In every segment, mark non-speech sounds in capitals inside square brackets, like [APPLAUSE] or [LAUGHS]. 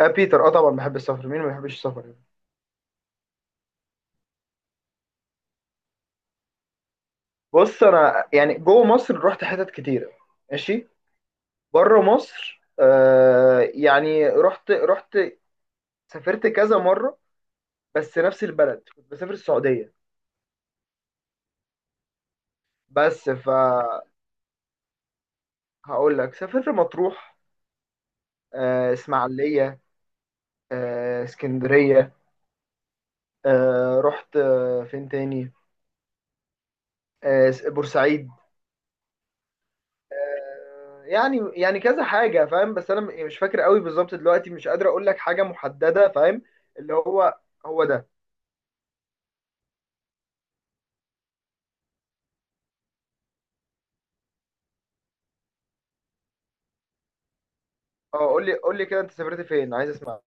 آه بيتر، طبعا بحب السفر. مين ما بيحبش السفر يعني. بص، انا يعني جوه مصر رحت حتت كتيره. ماشي. بره مصر، يعني رحت سافرت كذا مره. بس نفس البلد، كنت بسافر السعوديه. بس، هقول لك، سافرت مطروح، اسماعيليه، اسكندريه، رحت، فين تاني؟ بورسعيد. يعني كذا حاجة، فاهم. بس أنا يعني مش فاكر قوي بالظبط دلوقتي. مش قادر أقول لك حاجة محددة، فاهم. اللي هو، هو ده. أه، قول لي قول لي كده. أنت سافرت فين؟ عايز أسمع.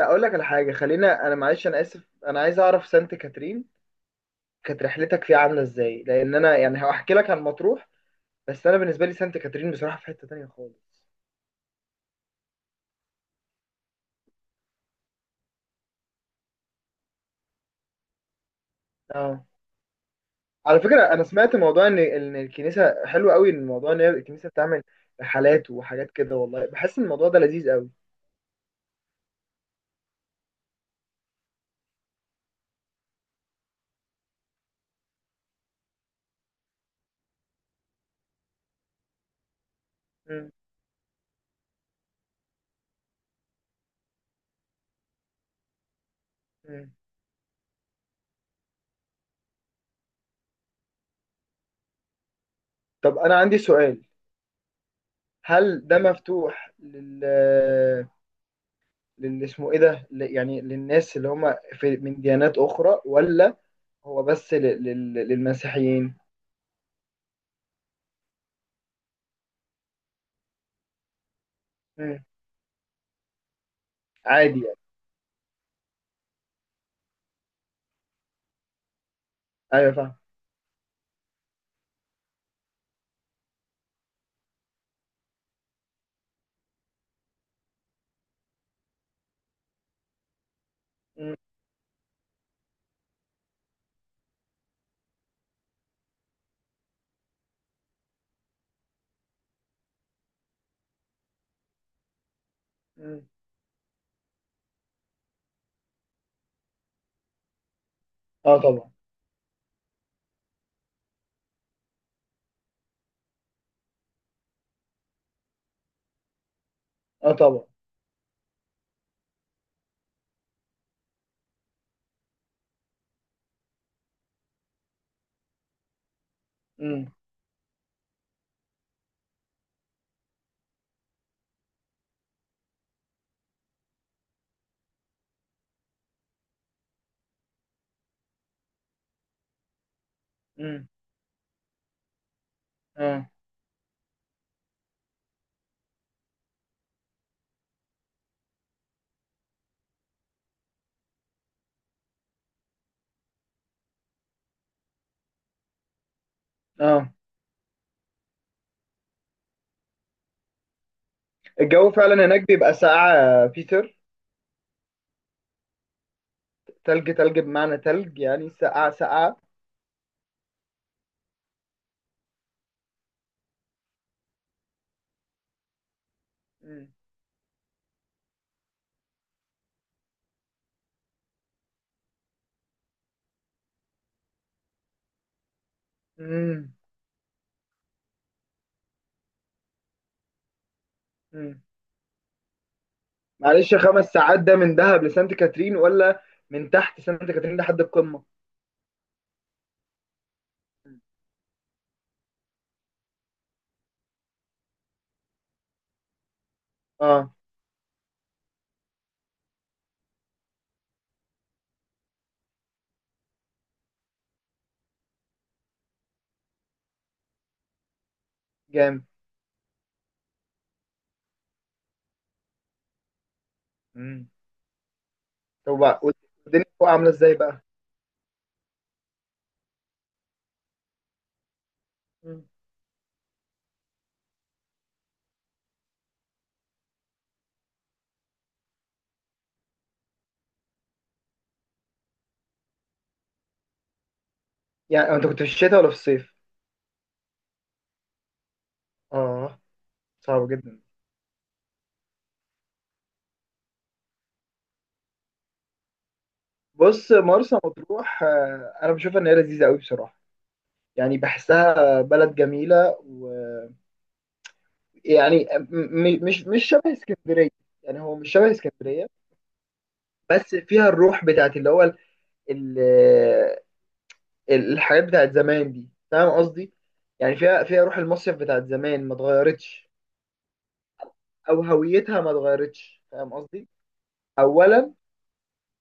لا، أقول لك على حاجة، خلينا. أنا معلش، أنا آسف، أنا عايز أعرف سانت كاترين كانت رحلتك فيها عاملة إزاي، لأن أنا يعني هحكي لك عن مطروح. بس أنا بالنسبة لي سانت كاترين بصراحة في حتة تانية خالص. اه. على فكرة أنا سمعت موضوع إن الكنيسة حلو قوي، إن الموضوع إن هي الكنيسة بتعمل رحلات وحاجات كده، والله بحس إن الموضوع ده لذيذ قوي. مم. مم. طب انا عندي سؤال. هل ده مفتوح لل اسمه ايه ده، يعني للناس اللي هم في من ديانات اخرى، ولا هو بس للمسيحيين؟ مم. عادي يعني. ايوه، فاهم. مم. مم. اه، طبعا. اه، طبعا. مم. مم. اه. اه. الجو فعلا هناك بيبقى ساقعة يا بيتر؟ تلج، تلج، بمعنى تلج يعني ساقعة، ساقعة. مم. مم. معلش، خمس ساعات ده من دهب لسانت كاترين ولا من تحت سانت كاترين لحد القمة؟ اه. جامد. مم. طب بقى، والدنيا فوق عاملة ازاي بقى؟ مم. يعني انت كنت في الشتاء ولا في الصيف؟ اه. صعب جدا. بص، مرسى مطروح، انا بشوفها ان هي لذيذة قوي بصراحة. يعني بحسها بلد جميلة. ويعني مش شبه اسكندرية. يعني هو مش شبه اسكندرية. بس فيها الروح بتاعت اللي هو الحاجات بتاعت زمان دي، فاهم قصدي. يعني فيها روح المصيف بتاعت زمان ما اتغيرتش، او هويتها ما اتغيرتش، فاهم قصدي. اولا،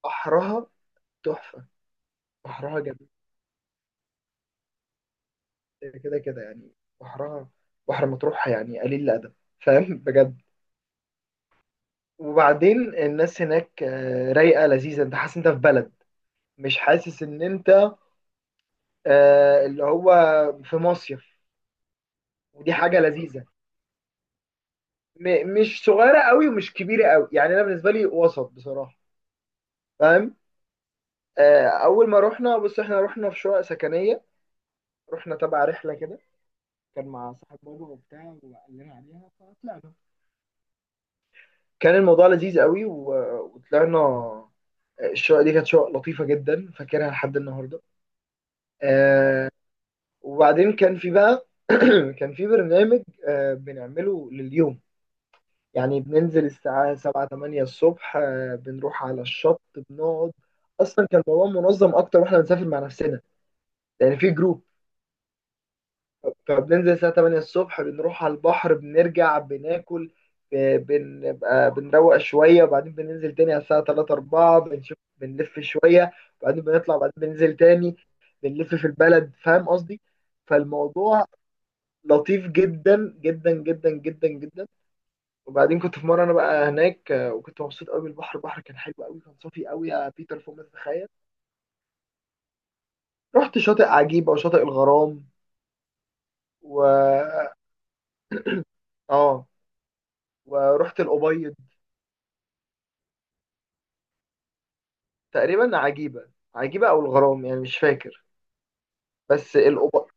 بحرها تحفه. بحرها جميل كده كده يعني. بحرها، بحر مطروح، يعني قليل الادب، فاهم. [LAUGHS] بجد. وبعدين الناس هناك، رايقه لذيذه. انت حاسس انت في بلد، مش حاسس ان انت اللي هو في مصيف. ودي حاجه لذيذه. مش صغيره قوي ومش كبيره قوي، يعني انا بالنسبه لي وسط بصراحه، فاهم. اول ما رحنا، بص، احنا رحنا في شقق سكنيه، رحنا تبع رحله كده، كان مع صاحب بابا وبتاع وقال لنا عليها، فطلعنا. كان الموضوع لذيذ قوي وطلعنا. الشقه دي كانت شقه لطيفه جدا، فاكرها لحد النهارده. آه، وبعدين كان في بقى [CLEARS THROAT] كان في برنامج، بنعمله لليوم. يعني بننزل الساعه 7 8 الصبح، بنروح على الشط بنقعد. اصلا كان الموضوع منظم اكتر واحنا بنسافر مع نفسنا، يعني في جروب. فبننزل الساعة 8 الصبح بنروح على البحر، بنرجع بناكل، بنبقى بنروق شوية، وبعدين بننزل تاني على الساعة 3 4 بنشوف بنلف شوية، وبعدين بنطلع، وبعدين بننزل تاني بنلف في البلد، فاهم قصدي؟ فالموضوع لطيف جدا جدا جدا جدا جدا. وبعدين كنت في مرة أنا بقى هناك، وكنت مبسوط قوي بالبحر. البحر كان حلو قوي، كان صافي قوي يا بيتر، فوق ما تتخيل. رحت شاطئ عجيبة وشاطئ الغرام، و آه آه، ورحت الأبيض. تقريبا عجيبة، عجيبة أو الغرام، يعني مش فاكر. بس الأوبا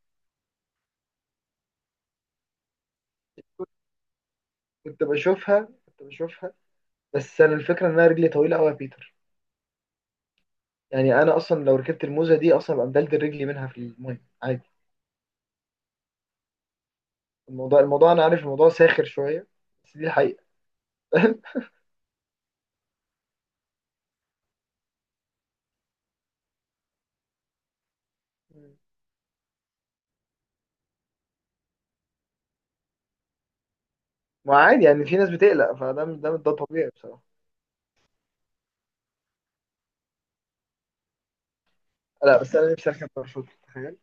كنت بشوفها. بس أنا الفكرة إن أنا رجلي طويلة أوي يا بيتر، يعني أنا أصلا لو ركبت الموزة دي أصلا ببقى مدلدل رجلي منها في المية عادي. الموضوع أنا عارف الموضوع ساخر شوية، بس دي الحقيقة. [LAUGHS] ما عادي يعني، في ناس بتقلق فده ده ده طبيعي بصراحة. لا، بس أنا نفسي أركب باراشوت، تخيل.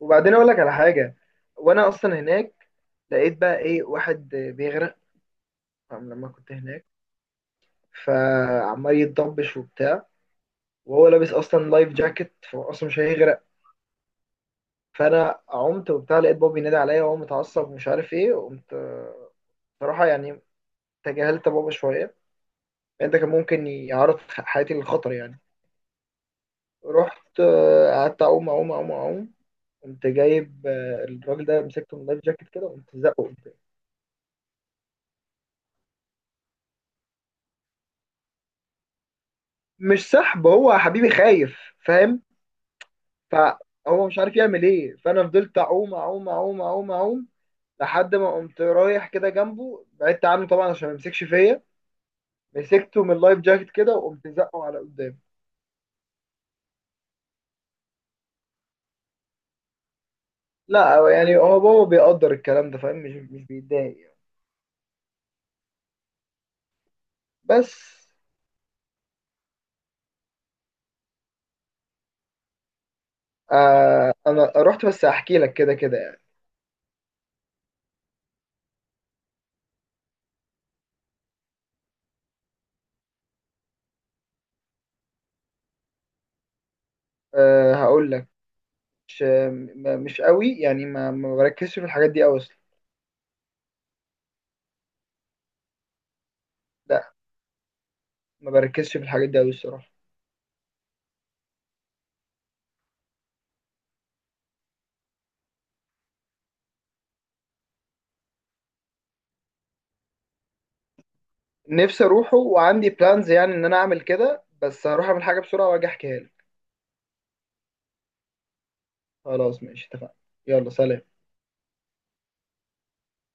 وبعدين أقول لك على حاجة. وأنا أصلا هناك لقيت بقى إيه واحد بيغرق لما كنت هناك، فعمال يتضبش وبتاع. وهو لابس اصلا لايف جاكيت، فهو اصلا مش هيغرق. فانا عمت وبتاع، لقيت بابا بينادي عليا وهو متعصب ومش عارف ايه. قمت صراحه يعني تجاهلت بابا شويه، لأن ده كان ممكن يعرض حياتي للخطر يعني. رحت قعدت اعوم اعوم اعوم اعوم. قمت جايب الراجل ده، مسكته من اللايف جاكيت كده وقمت زقه قمت. مش سحب هو يا حبيبي، خايف، فاهم. فهو مش عارف يعمل ايه، فانا فضلت اعوم اعوم اعوم اعوم اعوم لحد ما قمت رايح كده جنبه. بعدت عنه طبعا عشان ما يمسكش فيا، مسكته من اللايف جاكيت كده وقمت زقه على قدام. لا، يعني هو بابا بيقدر الكلام ده، فاهم، مش بيتضايق يعني. بس. آه، انا رحت بس احكي لك كده كده يعني. آه، هقول لك، مش قوي يعني، ما بركزش في الحاجات دي قوي اصلا. لا، ما بركزش في الحاجات دي قوي الصراحه. نفسي اروحه وعندي بلانز يعني ان انا اعمل كده، بس هروح اعمل حاجه بسرعه واجي احكيها لك. خلاص ماشي، اتفقنا. يلا، سلام.